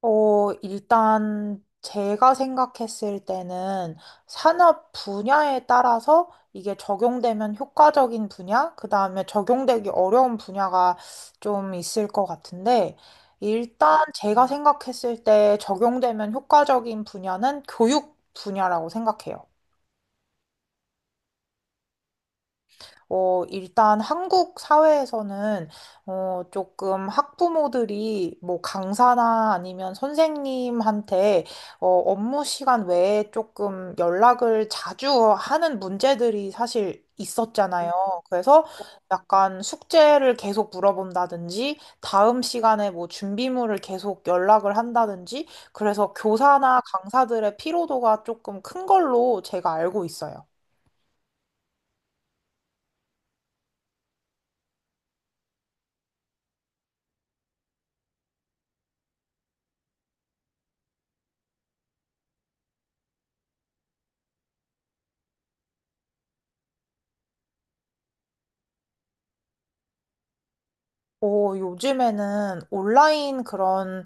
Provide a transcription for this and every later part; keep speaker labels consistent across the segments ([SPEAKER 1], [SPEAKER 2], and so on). [SPEAKER 1] 일단 제가 생각했을 때는 산업 분야에 따라서 이게 적용되면 효과적인 분야, 그다음에 적용되기 어려운 분야가 좀 있을 것 같은데, 일단 제가 생각했을 때 적용되면 효과적인 분야는 교육 분야라고 생각해요. 일단 한국 사회에서는, 조금 학부모들이 뭐 강사나 아니면 선생님한테, 업무 시간 외에 조금 연락을 자주 하는 문제들이 사실 있었잖아요. 그래서 약간 숙제를 계속 물어본다든지, 다음 시간에 뭐 준비물을 계속 연락을 한다든지, 그래서 교사나 강사들의 피로도가 조금 큰 걸로 제가 알고 있어요. 요즘에는 온라인 그런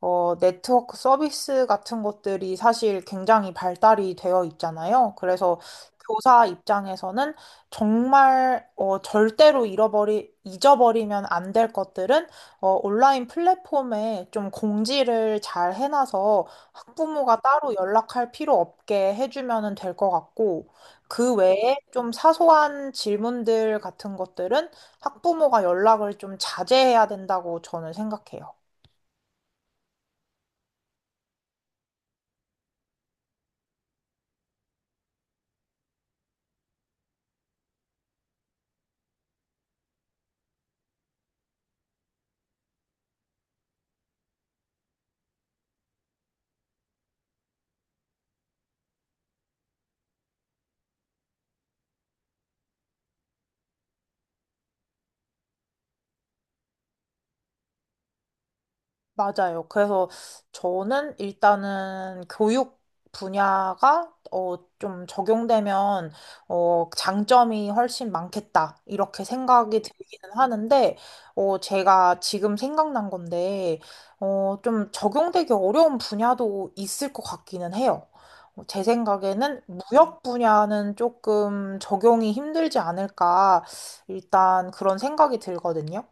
[SPEAKER 1] 네트워크 서비스 같은 것들이 사실 굉장히 발달이 되어 있잖아요. 그래서 교사 입장에서는 정말 절대로 잊어버리면 안 될 것들은 온라인 플랫폼에 좀 공지를 잘 해놔서 학부모가 따로 연락할 필요 없게 해주면 될 것 같고, 그 외에 좀 사소한 질문들 같은 것들은 학부모가 연락을 좀 자제해야 된다고 저는 생각해요. 맞아요. 그래서 저는 일단은 교육 분야가 좀 적용되면 장점이 훨씬 많겠다. 이렇게 생각이 들기는 하는데 제가 지금 생각난 건데 좀 적용되기 어려운 분야도 있을 것 같기는 해요. 제 생각에는 무역 분야는 조금 적용이 힘들지 않을까 일단 그런 생각이 들거든요.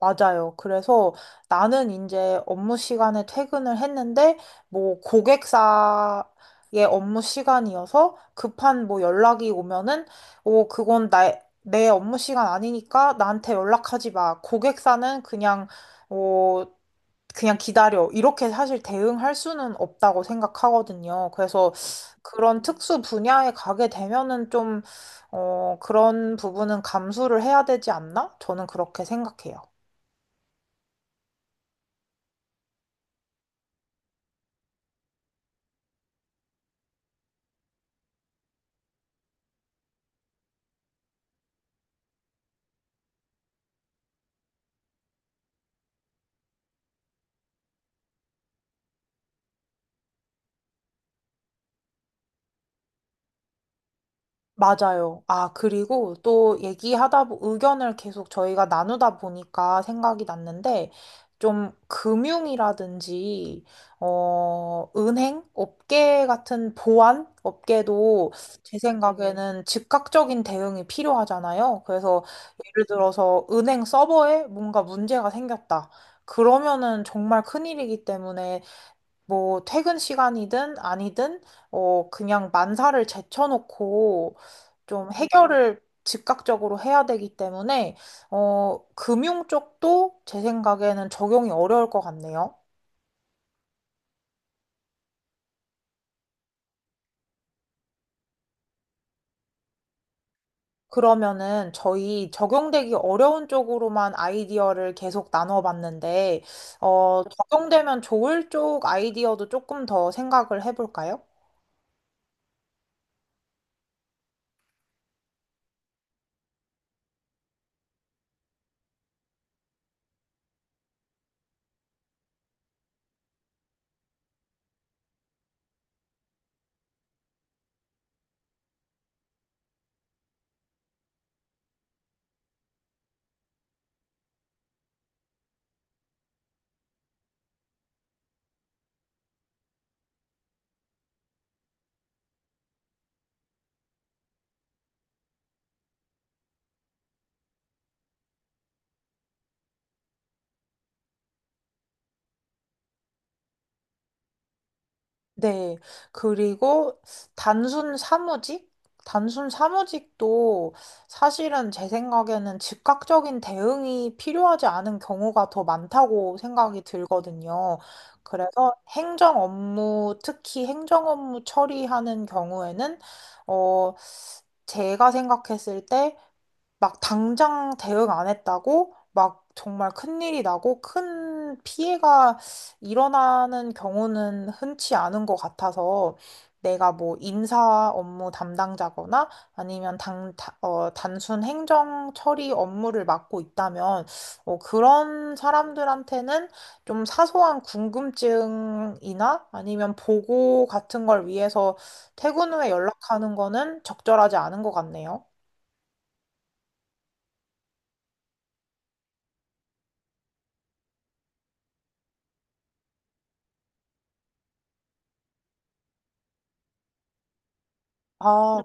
[SPEAKER 1] 맞아요. 그래서 나는 이제 업무 시간에 퇴근을 했는데, 뭐, 고객사의 업무 시간이어서 급한 뭐 연락이 오면은, 어, 그건 나, 내 업무 시간 아니니까 나한테 연락하지 마. 고객사는 어, 그냥 기다려. 이렇게 사실 대응할 수는 없다고 생각하거든요. 그래서 그런 특수 분야에 가게 되면은 좀, 그런 부분은 감수를 해야 되지 않나? 저는 그렇게 생각해요. 맞아요. 아, 그리고 또 의견을 계속 저희가 나누다 보니까 생각이 났는데, 좀 금융이라든지, 은행, 업계 같은 보안 업계도 제 생각에는 즉각적인 대응이 필요하잖아요. 그래서 예를 들어서 은행 서버에 뭔가 문제가 생겼다. 그러면은 정말 큰일이기 때문에 뭐 퇴근 시간이든 아니든 그냥 만사를 제쳐놓고 좀 해결을 즉각적으로 해야 되기 때문에 금융 쪽도 제 생각에는 적용이 어려울 것 같네요. 그러면은 저희 적용되기 어려운 쪽으로만 아이디어를 계속 나눠봤는데 어 적용되면 좋을 쪽 아이디어도 조금 더 생각을 해볼까요? 네. 그리고 단순 사무직? 단순 사무직도 사실은 제 생각에는 즉각적인 대응이 필요하지 않은 경우가 더 많다고 생각이 들거든요. 그래서 행정 업무, 특히 행정 업무 처리하는 경우에는, 어, 제가 생각했을 때 막 당장 대응 안 했다고 막 정말 큰일이 나고 큰 피해가 일어나는 경우는 흔치 않은 것 같아서 내가 뭐 인사 업무 담당자거나 아니면 단순 행정 처리 업무를 맡고 있다면 그런 사람들한테는 좀 사소한 궁금증이나 아니면 보고 같은 걸 위해서 퇴근 후에 연락하는 거는 적절하지 않은 것 같네요. 아,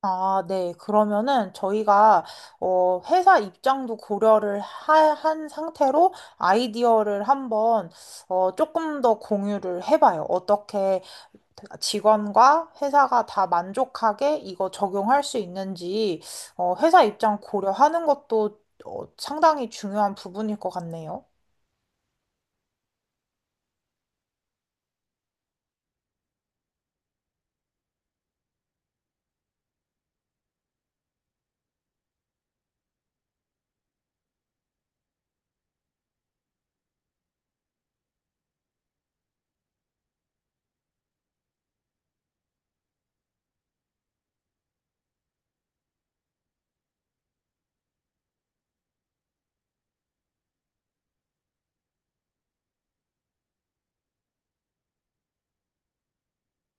[SPEAKER 1] 아, 네. 그러면은 저희가 회사 입장도 한 상태로 아이디어를 한번 조금 더 공유를 해봐요. 어떻게 직원과 회사가 다 만족하게 이거 적용할 수 있는지 회사 입장 고려하는 것도 상당히 중요한 부분일 것 같네요.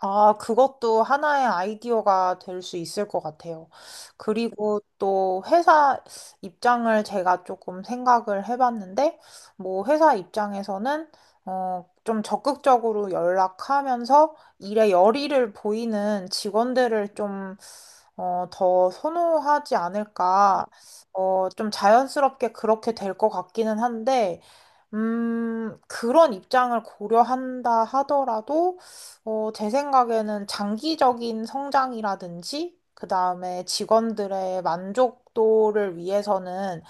[SPEAKER 1] 아, 그것도 하나의 아이디어가 될 수 있을 것 같아요. 그리고 또 회사 입장을 제가 조금 생각을 해봤는데, 뭐 회사 입장에서는 좀 적극적으로 연락하면서 일에 열의를 보이는 직원들을 좀 더 선호하지 않을까. 좀 자연스럽게 그렇게 될 것 같기는 한데, 그런 입장을 고려한다 하더라도 제 생각에는 장기적인 성장이라든지, 그 다음에 직원들의 만족도를 위해서는,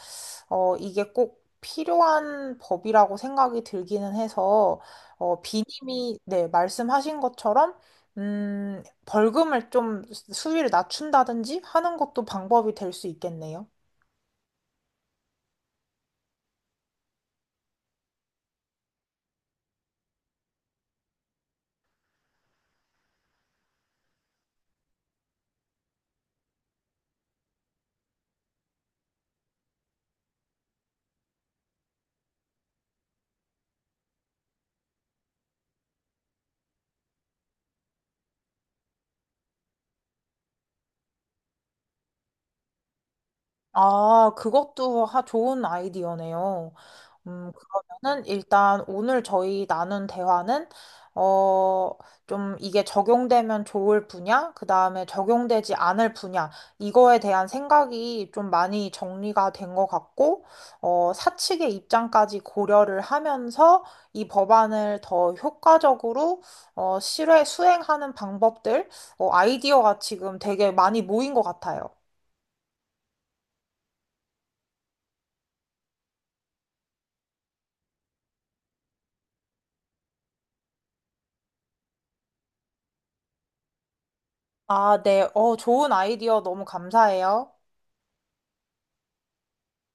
[SPEAKER 1] 이게 꼭 필요한 법이라고 생각이 들기는 해서, 비님이, 네, 말씀하신 것처럼, 벌금을 좀 수위를 낮춘다든지 하는 것도 방법이 될 수 있겠네요. 아, 그것도 좋은 아이디어네요. 그러면은 일단 오늘 저희 나눈 대화는, 어, 좀 이게 적용되면 좋을 분야, 그 다음에 적용되지 않을 분야, 이거에 대한 생각이 좀 많이 정리가 된 것 같고, 사측의 입장까지 고려를 하면서 이 법안을 더 효과적으로, 수행하는 방법들, 아이디어가 지금 되게 많이 모인 것 같아요. 아, 네. 좋은 아이디어 너무 감사해요.